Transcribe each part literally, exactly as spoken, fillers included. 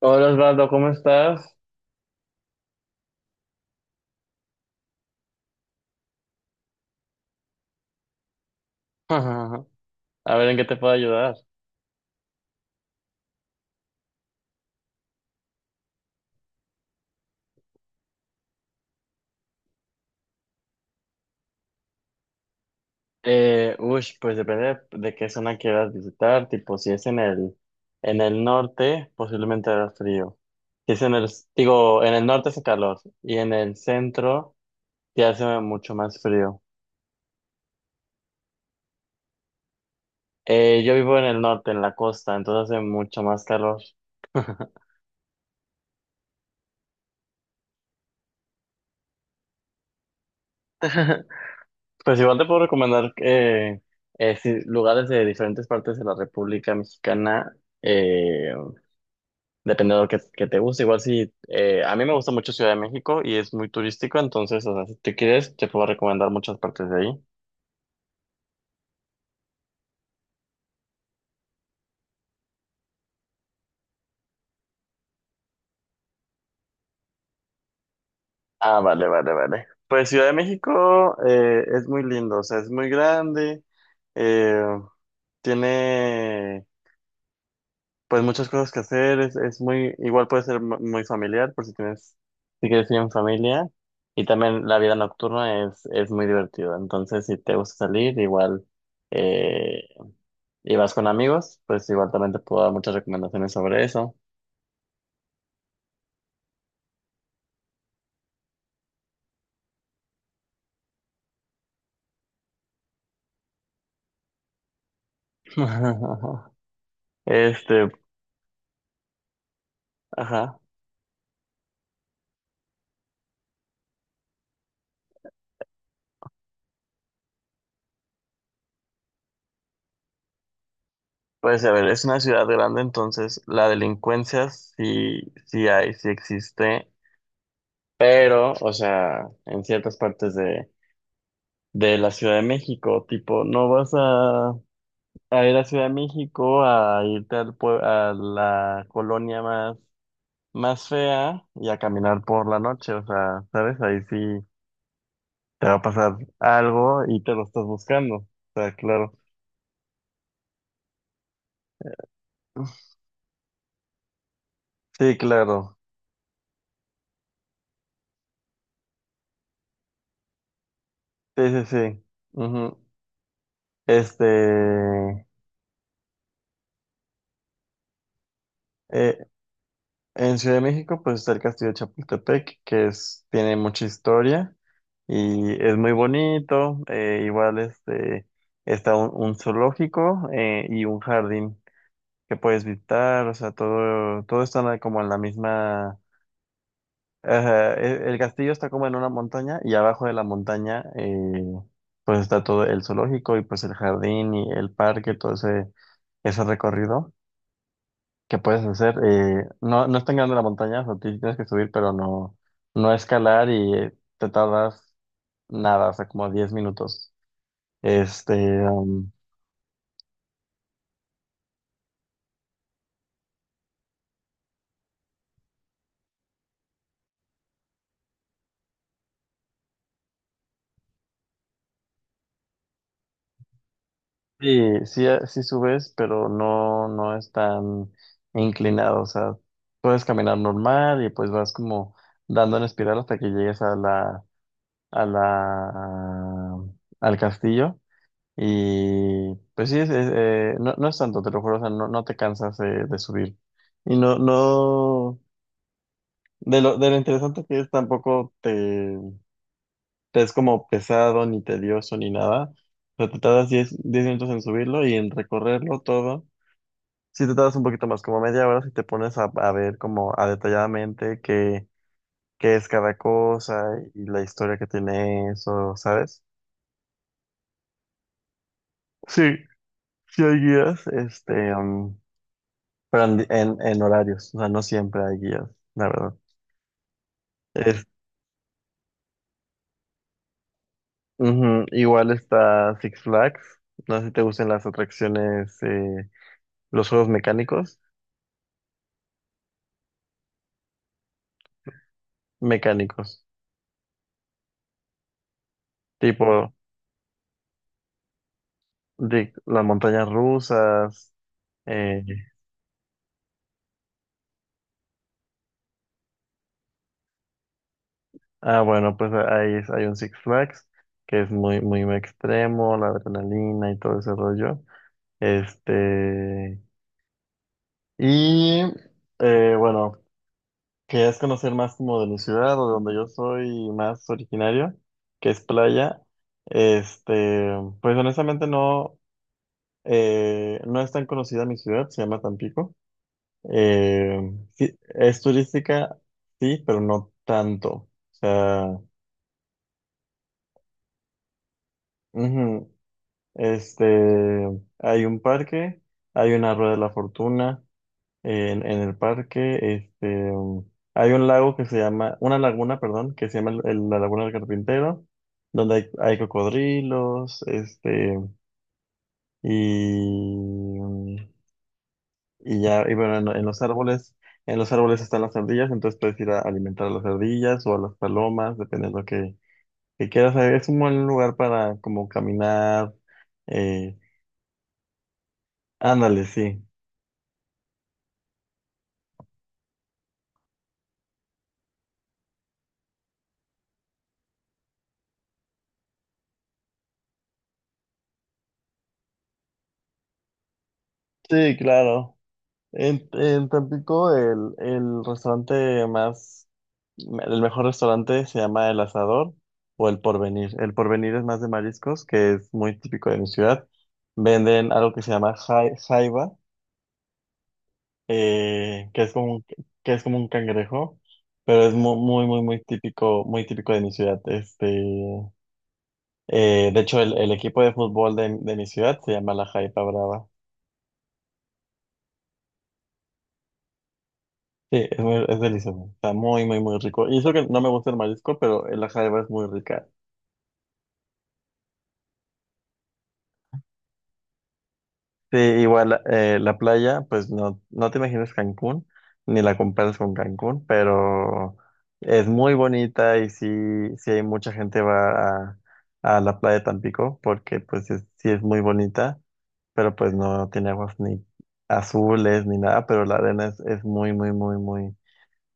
Hola Osvaldo, ¿cómo estás? A ver, ¿en qué te puedo ayudar? Eh, uy, pues depende de qué zona quieras visitar, tipo si es en el, en el norte, posiblemente hará frío. Si es en el, digo, en el norte hace calor y en el centro ya hace mucho más frío. Eh, yo vivo en el norte, en la costa, entonces hace mucho más calor. Pues igual te puedo recomendar eh, eh, sí, lugares de diferentes partes de la República Mexicana. eh, Dependiendo de lo que, que te guste. Igual si eh, a mí me gusta mucho Ciudad de México y es muy turístico, entonces, o sea, si te quieres, te puedo recomendar muchas partes de ahí. Ah, vale, vale, vale. Pues Ciudad de México eh, es muy lindo, o sea, es muy grande, eh, tiene pues muchas cosas que hacer, es, es muy, igual puede ser mu- muy familiar por si tienes, si quieres ir en familia. Y también la vida nocturna es, es muy divertida, entonces si te gusta salir, igual. eh, y vas con amigos, pues igual también te puedo dar muchas recomendaciones sobre eso. Este, ajá. Pues a ver, es una ciudad grande, entonces la delincuencia sí, sí hay, sí existe, pero, o sea, en ciertas partes de, de la Ciudad de México, tipo, no vas a, a ir a Ciudad de México a irte al pue- a la colonia más, más fea y a caminar por la noche, o sea, ¿sabes? Ahí sí te va a pasar algo y te lo estás buscando. O sea, claro. Sí, claro. Sí, sí, sí. Ujú. Este, eh, en Ciudad de México, pues está el Castillo de Chapultepec, que es, tiene mucha historia y es muy bonito. Eh, igual, este, está un, un zoológico eh, y un jardín que puedes visitar. O sea, todo, todo está en la- como en la misma. Ajá, e- el castillo está como en una montaña y abajo de la montaña eh, pues está todo el zoológico y pues el jardín y el parque, todo ese, ese recorrido que puedes hacer. Eh, no, no es tan grande la montaña, o sea, ti- tienes que subir, pero no, no escalar y eh, te tardas nada, o sea, como diez minutos. Este, Sí, sí, eh, sí subes, pero no, no es tan inclinado. O sea, puedes caminar normal y pues vas como dando en espiral hasta que llegues a la, a la, al castillo. Y pues sí, es, es, eh, no, no es tanto, te lo juro, o sea, no, no te cansas eh, de subir. Y no, no, de lo, de lo interesante que es, tampoco te, te es como pesado, ni tedioso, ni nada. O sea, te tardas diez, diez minutos en subirlo y en recorrerlo todo. Si te tardas un poquito más, como media hora, si te pones a, a ver como a detalladamente qué, qué es cada cosa y la historia que tiene eso, ¿sabes? Sí, sí hay guías, este, um, pero en, en- en horarios, o sea, no siempre hay guías, la verdad. Es, ujú. Igual está Six Flags, no sé si te gustan las atracciones, eh, los juegos mecánicos, mecánicos, tipo de las montañas rusas. eh, Ah, bueno, pues ahí es- hay un Six Flags que es muy, muy extremo, la adrenalina y todo ese rollo. Este, y eh, bueno, querías conocer más como de mi ciudad o de donde yo soy más originario, que es Playa. Este, pues honestamente no, eh, no es tan conocida mi ciudad, se llama Tampico. Eh, sí, es turística, sí, pero no tanto. O sea, ujú. Este, Hay un parque, hay una rueda de la fortuna en, en el parque, este, um, hay un lago que se llama, una laguna, perdón, que se llama el- el- la Laguna del Carpintero, donde hay, hay cocodrilos, este, y, um, y ya, y bueno, en, en los árboles, en los árboles están las ardillas, entonces puedes ir a alimentar a las ardillas o a las palomas, depende de lo que, que quieras. Es un buen lugar para como caminar, eh, ándale, sí. Sí, claro. En, en Tampico el, el restaurante más, el mejor restaurante se llama El Asador o El Porvenir. El Porvenir es más de mariscos, que es muy típico de mi ciudad. Venden algo que se llama jai- jaiba, eh, que es como un, que es como un cangrejo, pero es mu- muy, muy, muy típico, muy típico de mi ciudad. Este, eh, de hecho, el, el equipo de fútbol de, de mi ciudad se llama la Jaipa Brava. Sí, es, muy- es delicioso. Está muy, muy, muy rico. Y eso que no me gusta el marisco, pero la jaiba es muy rica. Sí, igual eh, la playa, pues no, no te imaginas Cancún, ni la comparas con Cancún, pero es muy bonita y sí, sí hay mucha gente va a, a la playa de Tampico, porque pues es- sí es muy bonita, pero pues no tiene aguas ni azules ni nada, pero la arena es, es muy, muy, muy, muy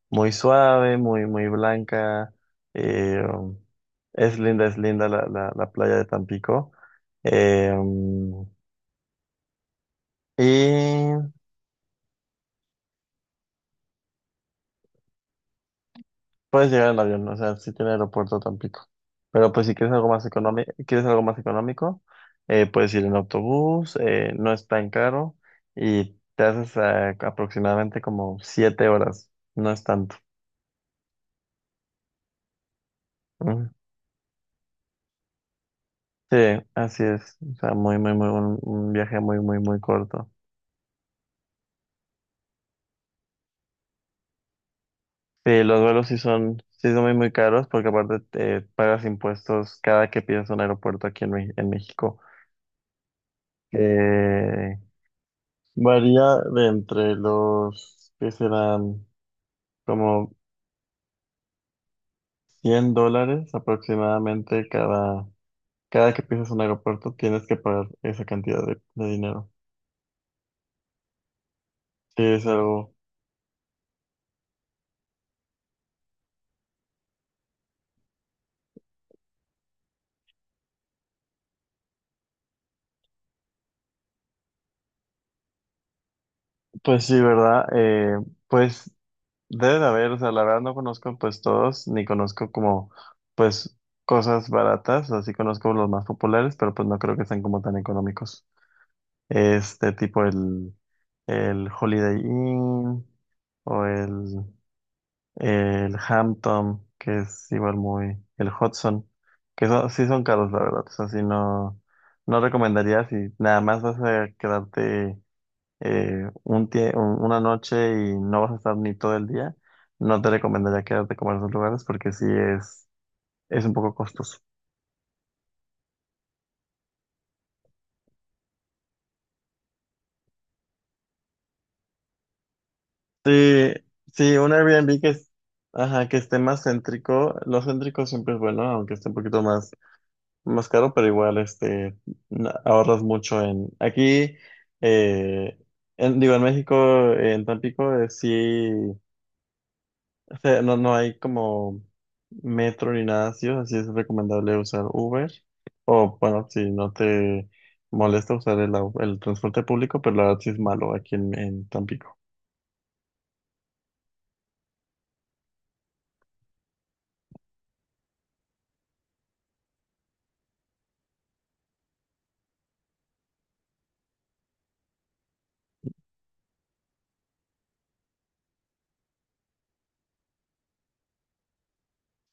muy suave, muy, muy blanca. eh, es linda, es linda la, la, la playa de Tampico. eh, y puedes llegar en avión, o sea, sí tiene aeropuerto Tampico. Pero pues si quieres algo más económico, quieres algo más económico, eh, puedes ir en autobús, eh, no es tan caro y te haces eh, aproximadamente como siete horas, no es tanto. Ujú. Sí, así es. O sea, muy, muy, muy, un un viaje muy, muy, muy corto. Sí, los vuelos sí son, sí son muy, muy caros porque aparte eh, pagas impuestos cada que pides un aeropuerto aquí en, Me- en México. Eh, Varía de entre los que serán como cien dólares aproximadamente cada, cada que pisas un aeropuerto tienes que pagar esa cantidad de, de dinero. Sí, es algo, pues sí, ¿verdad? Eh, pues Debe de haber, o sea, la verdad no conozco pues todos, ni conozco como pues cosas baratas, así conozco los más populares, pero pues no creo que sean como tan económicos. Este tipo el, el Holiday Inn o el, el Hampton, que es igual muy, el Hudson, que son, sí son caros, la verdad, o sea, sí no, no recomendaría si nada más vas a quedarte eh, un tie- un- una noche y no vas a estar ni todo el día, no te recomendaría quedarte como en esos lugares porque sí es, es un poco costoso. Sí, sí, un Airbnb que, es- ajá, que esté más céntrico, lo céntrico siempre es bueno, aunque esté un poquito más, más caro, pero igual este, na- ahorras mucho en... Aquí, eh, en, digo, en México, en Tampico, eh, sí. O sea, no, no hay como metro ni nada así, así es recomendable usar Uber. O bueno, si no te molesta usar el, au- el transporte público, pero la verdad sí es malo aquí en, en Tampico.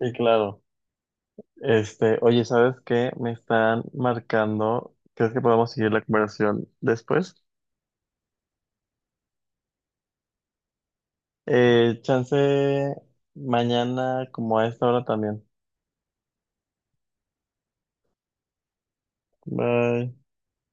Y claro, este, oye, ¿sabes qué? Me están marcando. ¿Crees que podamos seguir la conversación después? Eh, chance mañana como a esta hora también. Bye.